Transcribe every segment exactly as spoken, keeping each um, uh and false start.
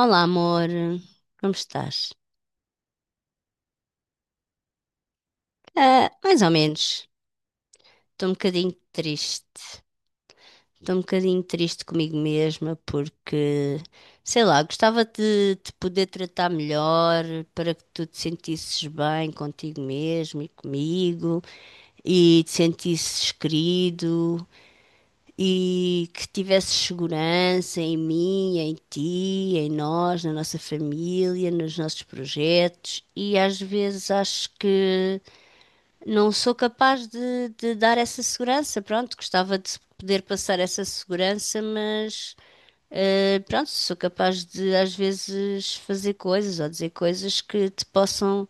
Olá, amor. Como estás? Ah, mais ou menos. Estou um bocadinho triste. Estou um bocadinho triste comigo mesma porque, sei lá, gostava de te poder tratar melhor para que tu te sentisses bem contigo mesmo e comigo e te sentisses querido e que tivesses segurança em mim, em ti, em nós, na nossa família, nos nossos projetos e às vezes acho que não sou capaz de, de dar essa segurança. Pronto, gostava de poder passar essa segurança, mas eh, pronto, sou capaz de às vezes fazer coisas ou dizer coisas que te possam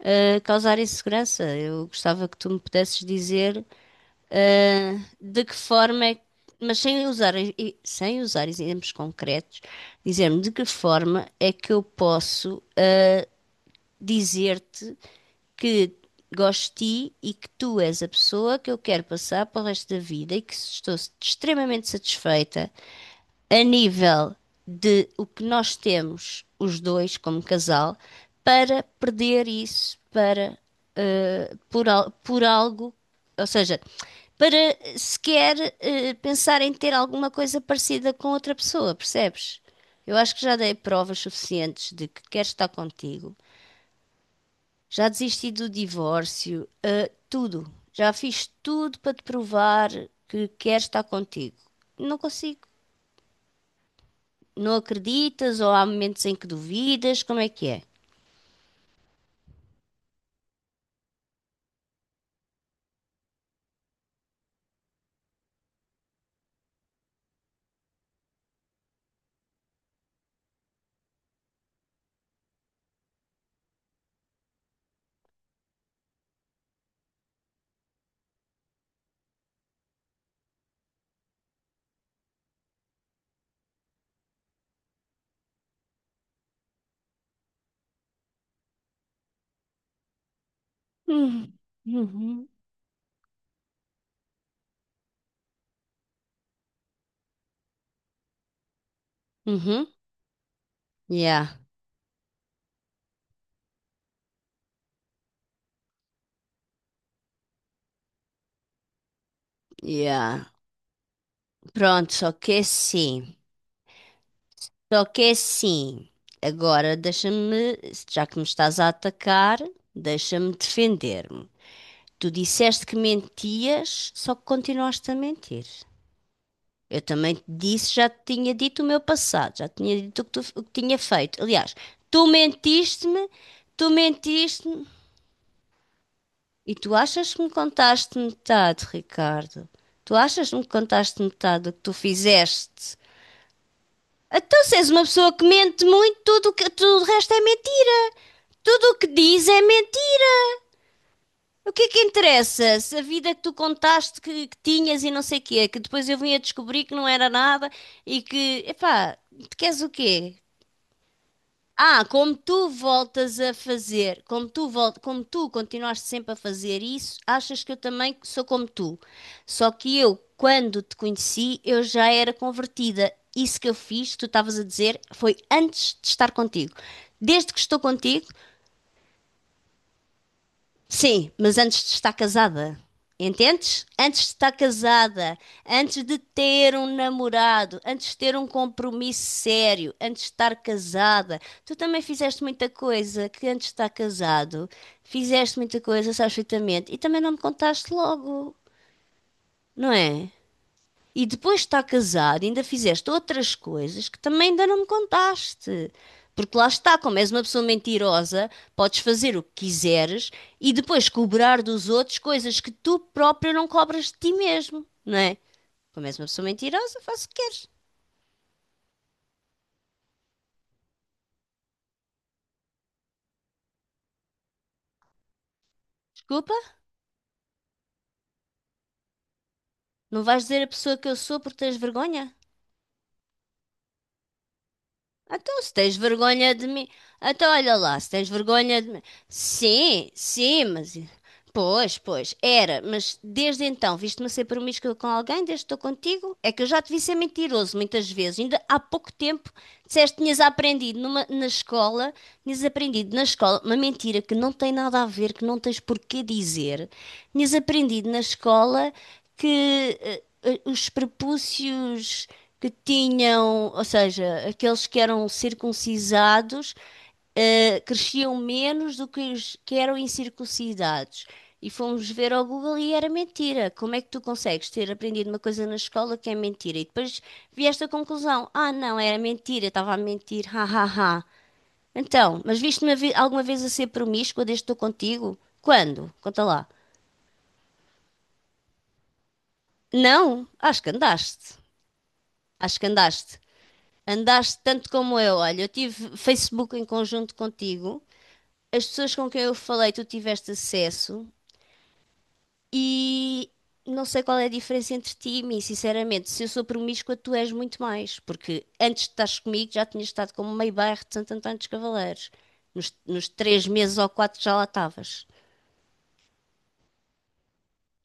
eh, causar insegurança. Eu gostava que tu me pudesses dizer eh, de que forma é que. Mas sem usar, e- sem usar exemplos concretos, dizer-me de que forma é que eu posso dizer-te que gosto de ti e que tu és a pessoa que eu quero passar para o resto da vida e que estou extremamente satisfeita a nível de o que nós temos, os dois, como casal, para perder isso para, por, al- por algo, ou seja, para sequer eh, pensar em ter alguma coisa parecida com outra pessoa, percebes? Eu acho que já dei provas suficientes de que quero estar contigo, já desisti do divórcio, ah, tudo. Já fiz tudo para te provar que quero estar contigo. Não consigo. Não acreditas ou há momentos em que duvidas? Como é que é? Hum. Uhum. Uhum. Yeah, yeah. Pronto, só que é sim. Só que é sim. Agora deixa-me, já que me estás a atacar, deixa-me defender-me. Tu disseste que mentias, só que continuaste a mentir. Eu também te disse, já te tinha dito o meu passado, já te tinha dito o que, tu- o que tinha feito. Aliás, tu mentiste-me, tu mentiste-me e tu achas que me contaste metade, Ricardo. Tu achas que me contaste metade do que tu fizeste? Então, se és uma pessoa que mente muito, tudo o que, tudo o resto é mentira. Tudo o que diz é mentira. O que é que interessa? Se a vida que tu contaste que, que tinhas e não sei o quê, que depois eu vim a descobrir que não era nada e que, epá, tu queres o quê? Ah, como tu voltas a fazer, como tu volta, como tu continuaste sempre a fazer isso, achas que eu também sou como tu. Só que eu, quando te conheci, eu já era convertida. Isso que eu fiz, tu estavas a dizer, foi antes de estar contigo. Desde que estou contigo, sim, mas antes de estar casada. Entendes? Antes de estar casada, antes de ter um namorado, antes de ter um compromisso sério, antes de estar casada, tu também fizeste muita coisa que antes de estar casado, fizeste muita coisa, sabes perfeitamente, e também não me contaste logo, não é? E depois de estar casado, ainda fizeste outras coisas que também ainda não me contaste. Porque lá está, como és uma pessoa mentirosa, podes fazer o que quiseres e depois cobrar dos outros coisas que tu próprio não cobras de ti mesmo, não é? Como és uma pessoa mentirosa, faz o que queres. Desculpa, não vais dizer a pessoa que eu sou porque tens vergonha? Então, se tens vergonha de mim. Então, olha lá, se tens vergonha de mim. Sim, sim, mas. Pois, pois, era, mas desde então, viste-me a ser promíscua com alguém, desde que estou contigo? É que eu já te vi ser mentiroso muitas vezes. Ainda há pouco tempo disseste que tinhas aprendido numa- na escola, tinhas aprendido na escola uma mentira que não tem nada a ver, que não tens porquê dizer. Tinhas aprendido na escola que eh, eh, os prepúcios que tinham, ou seja, aqueles que eram circuncisados, eh, cresciam menos do que os que eram incircuncidados. E fomos ver ao Google e era mentira. Como é que tu consegues ter aprendido uma coisa na escola que é mentira? E depois vi esta conclusão: ah, não, era mentira, estava a mentir, ha, ha, ha. Então, mas viste-me a vi- alguma vez a ser promíscua desde que estou contigo? Quando? Conta lá. Não, acho que andaste. Acho que andaste. Andaste tanto como eu. Olha, eu tive Facebook em conjunto contigo. As pessoas com quem eu falei, tu tiveste acesso. E não sei qual é a diferença entre ti e mim, sinceramente. Se eu sou promíscua, tu és muito mais. Porque antes de estares comigo, já tinhas estado como meio bairro de Santo António dos Cavaleiros. Nos, nos três meses ou quatro já lá estavas.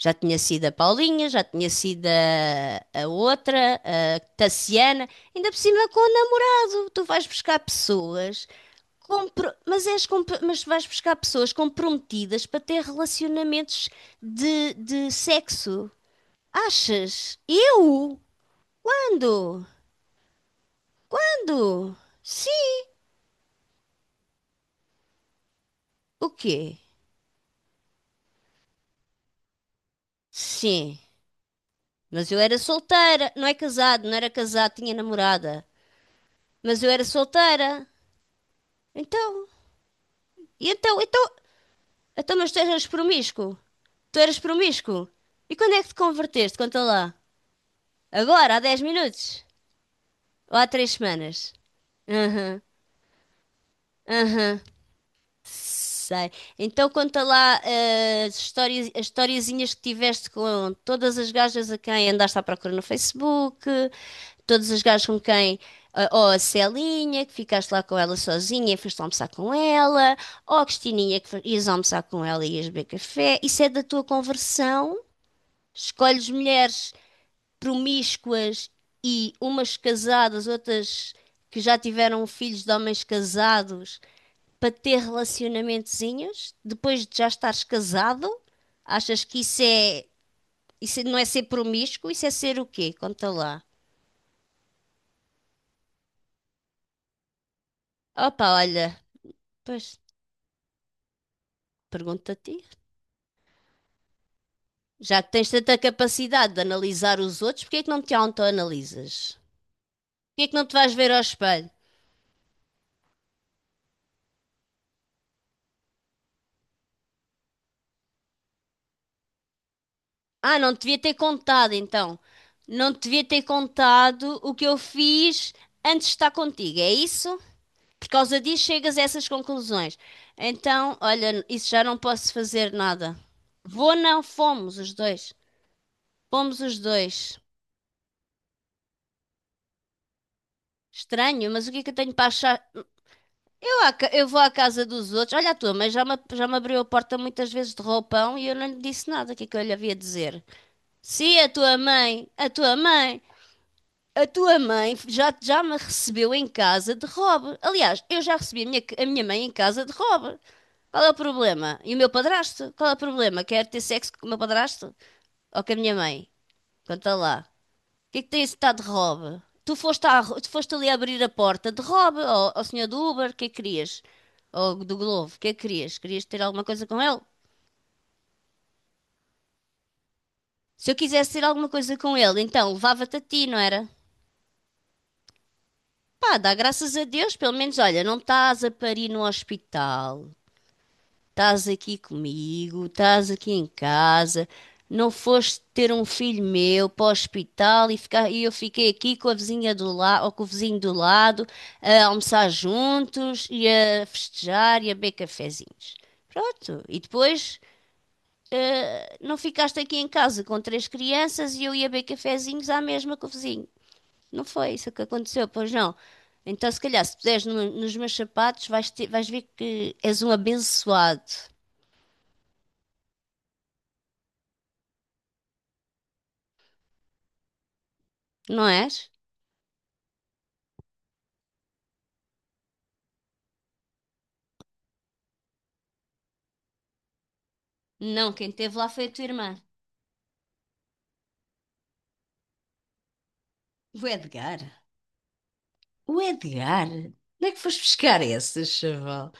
Já tinha sido a Paulinha, já tinha sido a, a outra, a Tassiana, ainda por cima com o namorado. Tu vais buscar pessoas, compro- mas, és compro- mas vais buscar pessoas comprometidas para ter relacionamentos de, de sexo. Achas? Eu? Ando, ando. Sim. O quê? Sim. Mas eu era solteira, não é casado, não era casado, tinha namorada. Mas eu era solteira. Então, e então, então Então, mas tu eras promíscuo? Tu eras promíscuo? E quando é que te converteste? Conta lá. Agora, há dez minutos? Ou há três semanas? Aham, aham, sei. Então conta lá eh, as histórias, as historiezinhas que tiveste com todas as gajas a quem andaste à procura no Facebook, todas as gajas com quem. eh, Ou a Celinha, que ficaste lá com ela sozinha e foste almoçar com ela, ou a Cristininha, que fo- ias almoçar com ela e ias beber café. Isso é da tua conversão. Escolhes mulheres promíscuas e umas casadas, outras que já tiveram filhos de homens casados, para ter relacionamentozinhos depois de já estares casado? Achas que isso é. Isso é, não é ser promíscuo? Isso é ser o quê? Conta lá. Opa, olha, pois, pergunta a ti. Já que tens tanta capacidade de analisar os outros, porquê é que não te autoanalisas? Porquê é que não te vais ver ao espelho? Ah, não te devia ter contado então. Não te devia ter contado o que eu fiz antes de estar contigo, é isso? Por causa disso chegas a essas conclusões. Então, olha, isso já não posso fazer nada. Vou não, fomos os dois. Fomos os dois. Estranho, mas o que é que eu tenho para achar? Eu, à ca- eu vou à casa dos outros. Olha a tua, mas já me, já me abriu a porta muitas vezes de roupão e eu não lhe disse nada. O que é que eu lhe havia de dizer? Se a tua mãe, a tua mãe. A tua mãe já, já me recebeu em casa de Rob. Aliás, eu já recebi a minha, a minha mãe em casa de Rob. Qual é o problema? E o meu padrasto? Qual é o problema? Quer ter sexo com o meu padrasto? Ou com a minha mãe? Conta lá. O que é que tem esse tal de Rob? Tu foste, à ru- tu foste ali abrir a porta de Rob ao, ao senhor do Uber? O que é que querias? Ou do Glovo? O que é que querias? Querias ter alguma coisa com ele? Se eu quisesse ter alguma coisa com ele, então levava-te a ti, não era? Pá, dá graças a Deus, pelo menos, olha, não estás a parir no hospital, estás aqui comigo, estás aqui em casa, não foste ter um filho meu para o hospital e, ficar, e eu fiquei aqui com a vizinha do lado, ou com o vizinho do lado, a almoçar juntos e a festejar e a beber cafezinhos. Pronto, e depois eh, não ficaste aqui em casa com três crianças e eu ia beber cafezinhos à mesma com o vizinho. Não foi isso que aconteceu, pois não. Então, se calhar, se puseres no- nos meus sapatos, vais, te- vais ver que és um abençoado, não és? Não, quem esteve lá foi a tua irmã. O Edgar? O Edgar? Onde é que foste buscar esse, chaval?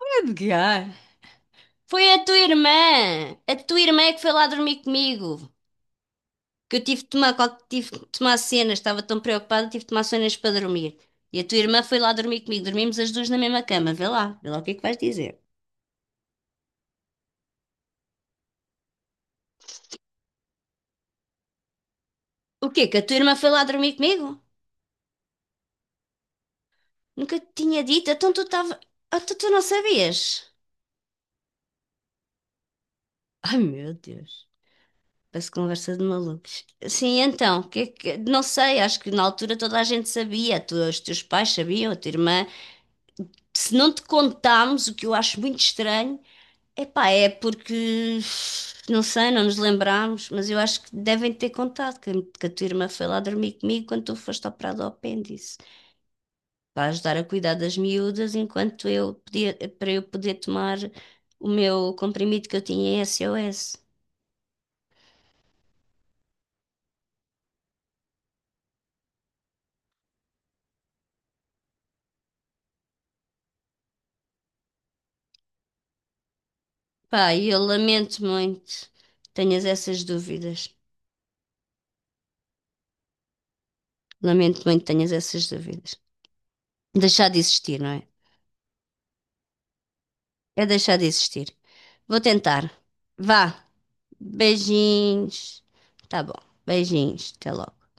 O Edgar? Foi a tua irmã! A tua irmã é que foi lá dormir comigo. Que eu tive de tomar, qual- tive de tomar cenas, estava tão preocupada, tive de tomar cenas para dormir. E a tua irmã foi lá dormir comigo. Dormimos as duas na mesma cama. Vê lá, vê lá o que é que vais dizer. O quê? Que a tua irmã foi lá dormir comigo? Nunca te tinha dito. Então tu estava. Então tu não sabias? Ai meu Deus. Parece conversa de malucos. Sim, então, que, é que- não sei, acho que na altura toda a gente sabia, a tua- os teus pais sabiam, a tua irmã. Se não te contámos, o que eu acho muito estranho, epá, é porque, não sei, não nos lembrámos, mas eu acho que devem ter contado que, a que a tua irmã foi lá dormir comigo quando tu foste operado ao apêndice, para ajudar a cuidar das miúdas enquanto eu podia, para eu poder tomar o meu comprimido que eu tinha em S O S. Pá, e eu lamento muito que tenhas essas dúvidas. Lamento muito que tenhas essas dúvidas. Deixar de existir, não é? É deixar de existir. Vou tentar. Vá. Beijinhos. Tá bom. Beijinhos. Até logo.